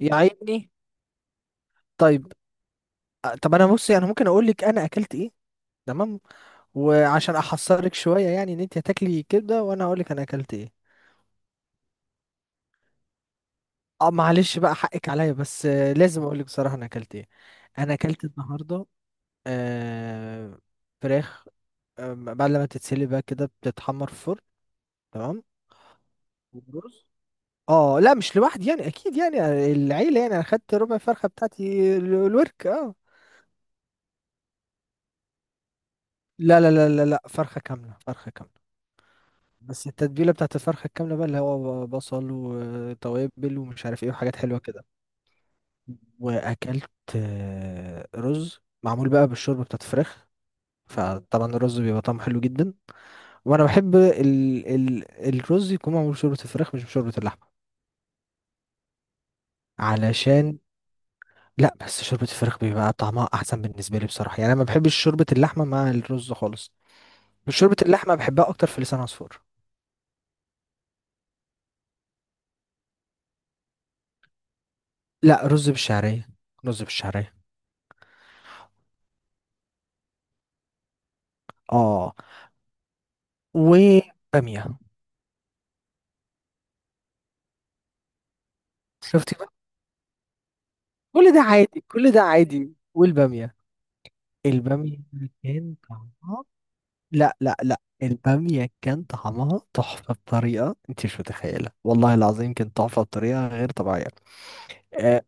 يا عيني. طيب، طب انا، بصي، انا ممكن اقول لك انا اكلت ايه؟ تمام. وعشان احصرك شويه يعني ان انت هتاكلي كبده وانا اقول لك انا اكلت ايه. اه، معلش بقى، حقك عليا، بس لازم اقول لك بصراحه انا اكلت ايه. انا اكلت النهارده آه فراخ. بعد لما تتسلي بقى كده بتتحمر في الفرن. تمام. ورز. اه، لا، مش لوحدي يعني، اكيد يعني العيله يعني. انا خدت ربع فرخه بتاعتي الورك. اه. لا لا لا لا لا، فرخه كامله فرخه كامله. بس التتبيلة بتاعت الفرخة الكاملة بقى اللي هو بصل وتوابل ومش عارف ايه وحاجات حلوة كده. وأكلت رز معمول بقى بالشوربة بتاعت الفراخ. فطبعا الرز بيبقى طعمه حلو جدا. وأنا بحب ال ال الرز يكون معمول بشوربة الفراخ مش بشوربة اللحمة. علشان لا، بس شوربة الفراخ بيبقى طعمها أحسن بالنسبة لي بصراحة، يعني أنا ما بحبش شوربة اللحمة مع الرز خالص. شوربة اللحمة بحبها أكتر في لسان عصفور. لا، رز بالشعرية. رز بالشعرية. اه. وبامية. شفتي بقى؟ كل ده عادي، كل ده عادي، والبامية. البامية كان طعمها. لا لا لا، البامية كان طعمها تحفة بطريقة انت مش متخيلة، والله العظيم كانت تحفة بطريقة غير طبيعية. آه،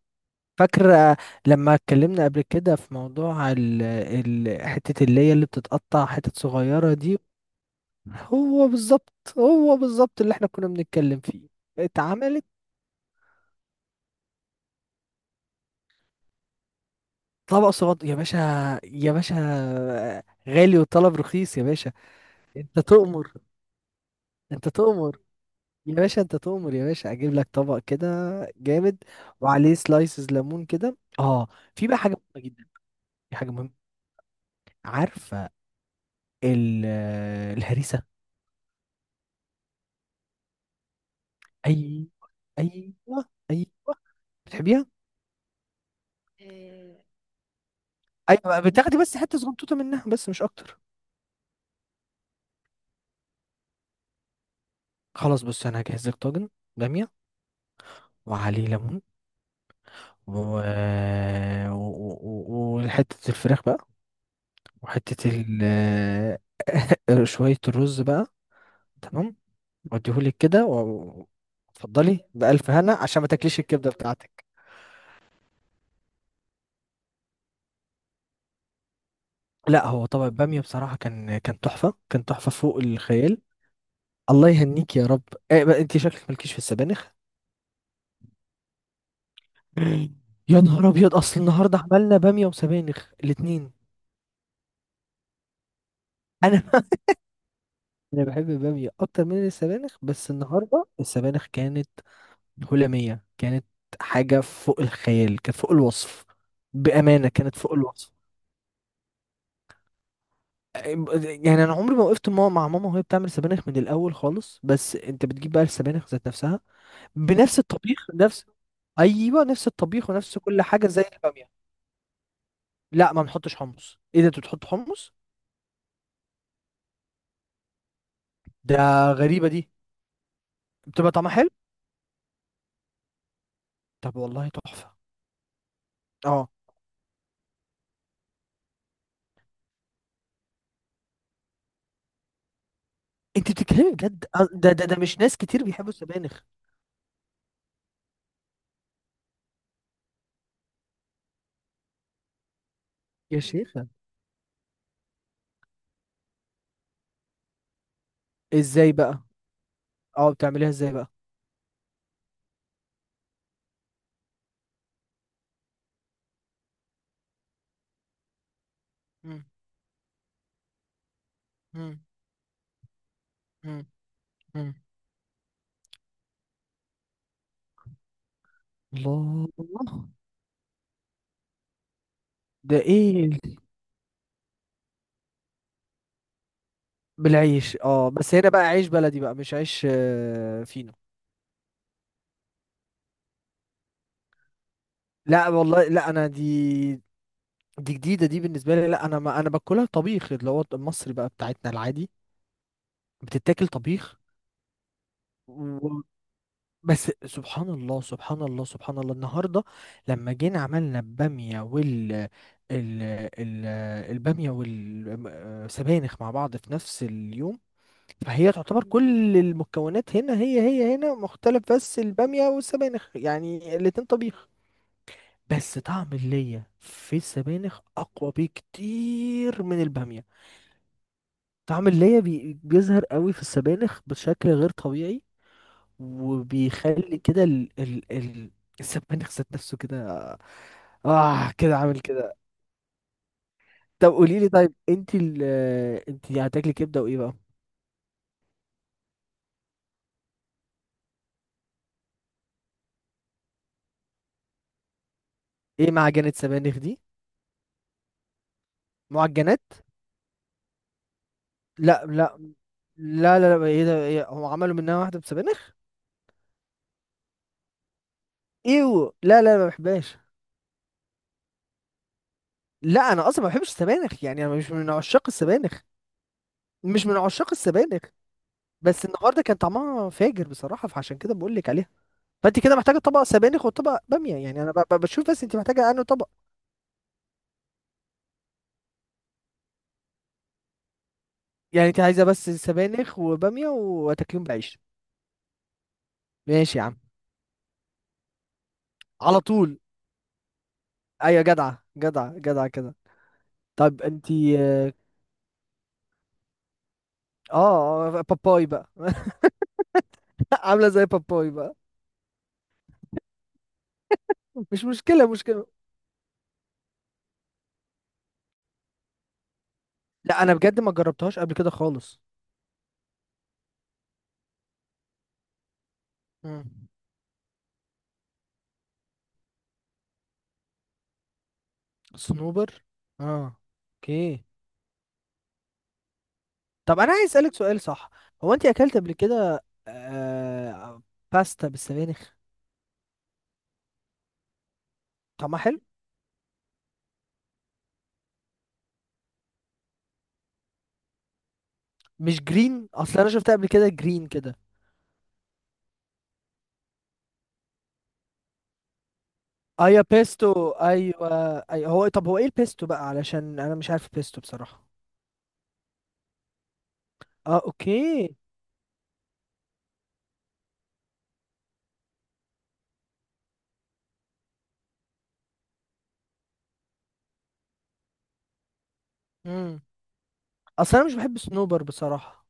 فاكرة لما اتكلمنا قبل كده في موضوع ال ال حتة اللي هي اللي بتتقطع حتت صغيرة دي. هو بالظبط. هو بالظبط اللي احنا كنا بنتكلم فيه. اتعملت. طبق صغير يا باشا. يا باشا، غالي وطلب رخيص يا باشا. انت تؤمر. انت تؤمر يا باشا. انت تؤمر يا باشا، اجيب لك طبق كده جامد وعليه سلايسز ليمون كده. اه. في بقى حاجه مهمه جدا. في حاجه مهمه. عارفه؟ الهريسه. ايوه. ايوه. ايوه. بتحبيها؟ آه، ايوه بقى، بتاخدي بس حته صغنطوطه منها، بس مش اكتر. خلاص، بص انا هجهز لك طاجن باميه وعليه ليمون و... و... و... و- وحته الفراخ بقى. وحته شويه الرز بقى. تمام. وديهولك كده اتفضلي بألف هنا عشان ما تاكليش الكبدة بتاعتك. لا، هو طبق البامية بصراحة كان تحفة، كان تحفة فوق الخيال. الله يهنيك يا رب. إيه بقى؟ انت شكلك مالكيش في السبانخ؟ يا نهار ابيض، اصل النهارده عملنا بامية وسبانخ الاتنين. انا انا بحب البامية اكتر من السبانخ، بس النهارده السبانخ كانت هلامية، كانت حاجة فوق الخيال، كانت فوق الوصف، بأمانة كانت فوق الوصف. يعني انا عمري ما وقفت مع ماما وهي بتعمل سبانخ من الاول خالص، بس انت بتجيب بقى السبانخ ذات نفسها. بنفس الطبيخ ايوه، نفس الطبيخ ونفس كل حاجه زي الباميه. لا، ما بنحطش حمص، ايه ده انت بتحط حمص؟ ده، غريبه دي. بتبقى طعمها حلو. طب والله تحفه. اه، انت بتتكلمي بجد؟ ده مش ناس كتير بيحبوا السبانخ. يا شيخة. ازاي بقى؟ اه، بتعمليها ازاي بقى؟ مم، مم، مم، مم. الله. ده ايه؟ بالعيش، اه بس هنا بقى عيش بلدي، بقى مش عيش فينو. لا والله، لا انا دي جديده دي بالنسبه لي، لا انا، ما انا باكلها طبيخ اللي هو المصري بقى بتاعتنا العادي. بتتاكل طبيخ. و... بس سبحان الله سبحان الله سبحان الله النهارده، لما جينا عملنا الباميه وال ال... ال... الباميه والسبانخ مع بعض في نفس اليوم. فهي تعتبر كل المكونات هنا هي هنا مختلف، بس البامية والسبانخ يعني الاتنين طبيخ. بس طعم اللية في السبانخ أقوى بكتير من البامية. طعم اللية بيظهر قوي في السبانخ بشكل غير طبيعي، وبيخلي كده ال ال ال السبانخ ذات نفسه كده، اه كده عامل كده. طب قولي لي، طيب، انت هتاكلي كبدة وايه بقى؟ ايه معجنات سبانخ دي؟ معجنات؟ لا لا لا لا لا، ايه ده، إيه، هم عملوا منها واحدة بسبانخ؟ ايوه، لا لا ما بحبهاش. لا انا اصلا ما بحبش السبانخ، يعني انا مش من عشاق السبانخ، مش من عشاق السبانخ. بس النهارده كان طعمها فاجر بصراحة، فعشان كده بقول لك عليها. فانت كده محتاجة طبق سبانخ وطبق بامية، يعني انا بشوف بس انت محتاجة انه طبق. يعني انت عايزة بس سبانخ وبامية وتاكليهم بعيش؟ ماشي يا عم. على طول. ايوه، جدعة جدعة جدعة كده. طب انت باباي بقى. عاملة زي باباي بقى. مش مشكلة، مشكلة. لا، انا بجد ما جربتهاش قبل كده خالص. مم. صنوبر؟ اه، اوكي. طب انا عايز اسالك سؤال صح. هو انت اكلت قبل كده باستا بالسبانخ؟ طعمها حلو. مش جرين؟ اصل انا شفتها قبل كده جرين كده. ايوه بيستو، ايوه ايوه، هو طب هو ايه البيستو بقى، علشان انا مش عارف البيستو بصراحة. اه، اوكي. امم اصل انا مش بحب صنوبر بصراحة.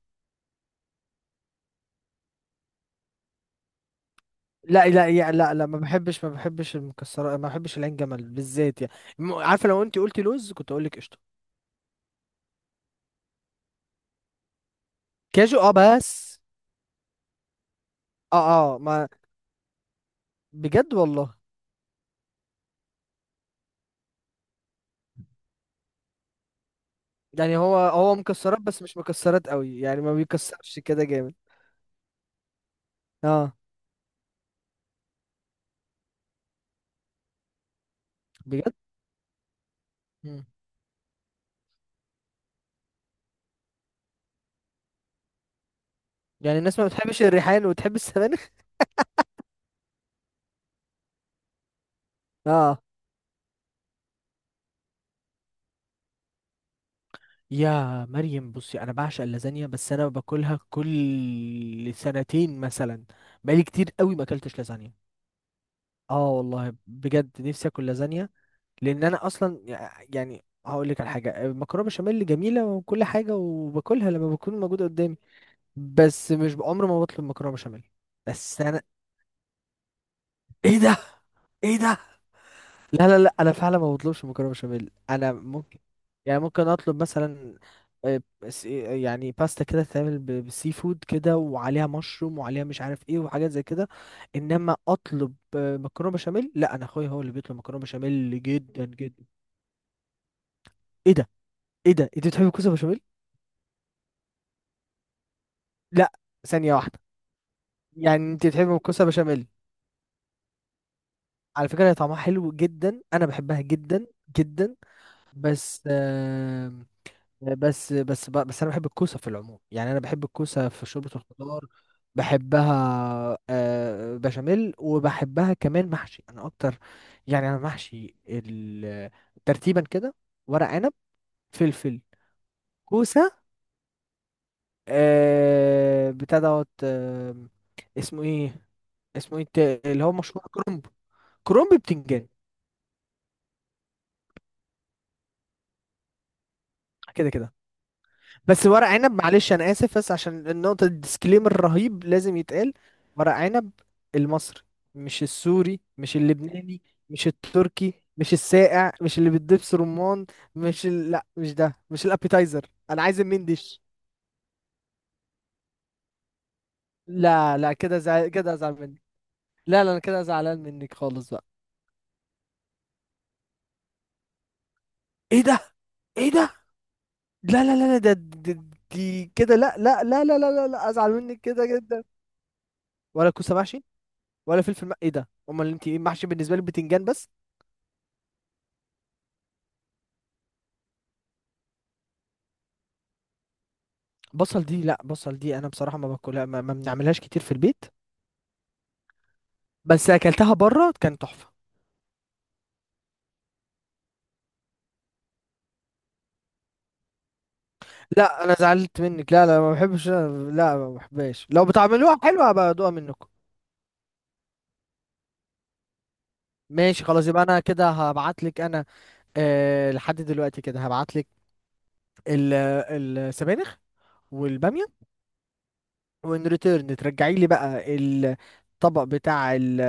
لا لا يعني، لا لا، ما بحبش المكسرات، ما بحبش العين جمل بالذات يعني. عارفه، لو انت قلتي لوز كنت اقول لك قشطه. كاجو اه بس. اه اه ما. بجد والله. يعني هو مكسرات بس مش مكسرات قوي، يعني ما بيكسرش كده جامد. اه بجد. مم. يعني الناس ما بتحبش الريحان وتحب السبانخ؟ اه. يا مريم بصي، انا بعشق اللازانيا، بس انا باكلها كل سنتين مثلا. بقالي كتير قوي ما اكلتش لازانيا. اه والله بجد، نفسي اكل لازانيا. لان انا اصلا يعني هقول لك على حاجه، المكرونه بشاميل جميله وكل حاجه، وباكلها لما بتكون موجوده قدامي. بس مش عمري ما بطلب مكرونه بشاميل. بس انا، ايه ده، ايه ده. لا لا لا، انا فعلا ما بطلبش مكرونه بشاميل، انا ممكن، يعني ممكن اطلب مثلا آه، يعني باستا كده تتعمل بالسي فود كده وعليها مشروم وعليها مش عارف ايه وحاجات زي كده. انما اطلب مكرونه بشاميل، لا انا اخويا هو اللي بيطلب مكرونه بشاميل جدا جدا. ايه ده، ايه ده، انت بتحب الكوسه بشاميل؟ لا. ثانية واحدة. يعني انت بتحبي الكوسة بشاميل؟ على فكرة هي طعمها حلو جدا، انا بحبها جدا جدا. بس بس انا بحب الكوسة في العموم، يعني انا بحب الكوسة في شوربة الخضار. بحبها بشاميل، وبحبها كمان محشي، انا اكتر. يعني انا محشي ترتيبا كده: ورق عنب، فلفل، كوسة، بتاع دوت اسمه ايه، اسمه ايه اللي هو مشروع كرنب. كرومب بتنجان. كده كده. بس ورق عنب معلش انا اسف، بس عشان النقطه، الديسكليمر الرهيب لازم يتقال. ورق عنب المصري، مش السوري، مش اللبناني، مش التركي، مش الساقع، مش اللي بتدبس رمان، مش ال... لا مش ده، مش الابيتايزر، انا عايز المين ديش. لا لا كده كده ازعل منك. لا لا، انا كده زعلان منك خالص بقى. ايه ده، ايه ده، لا لا لا لا، دي كده، لا لا لا لا لا لا لا، ازعل منك كده جدا. ولا كوسه محشي، ولا فلفل ايه ده، امال انت ايه محشي بالنسبه لي؟ بتنجان بس. بصل دي، لا، بصل دي انا بصراحه ما باكلها، ما بنعملهاش كتير في البيت. بس اكلتها بره كان تحفه. لا انا زعلت منك، لا لا ما بحبش، لا ما بحبهاش، لو بتعملوها حلوه هبقى ادوقها منكم. ماشي خلاص، يبقى انا كده هبعت لك انا. أه، لحد دلوقتي كده هبعت لك السبانخ والباميه، وان ريتيرن ترجعي لي بقى الطبق بتاع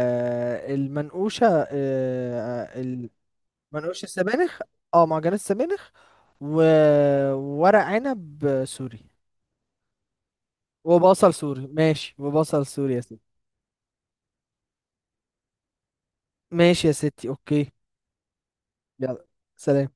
المنقوشه أه. منقوش السبانخ، اه معجنات السبانخ و... وورق عنب سوري. وبصل سوري، ماشي، وبصل سوري يا ستي. ماشي يا ستي، اوكي. يلا. سلام.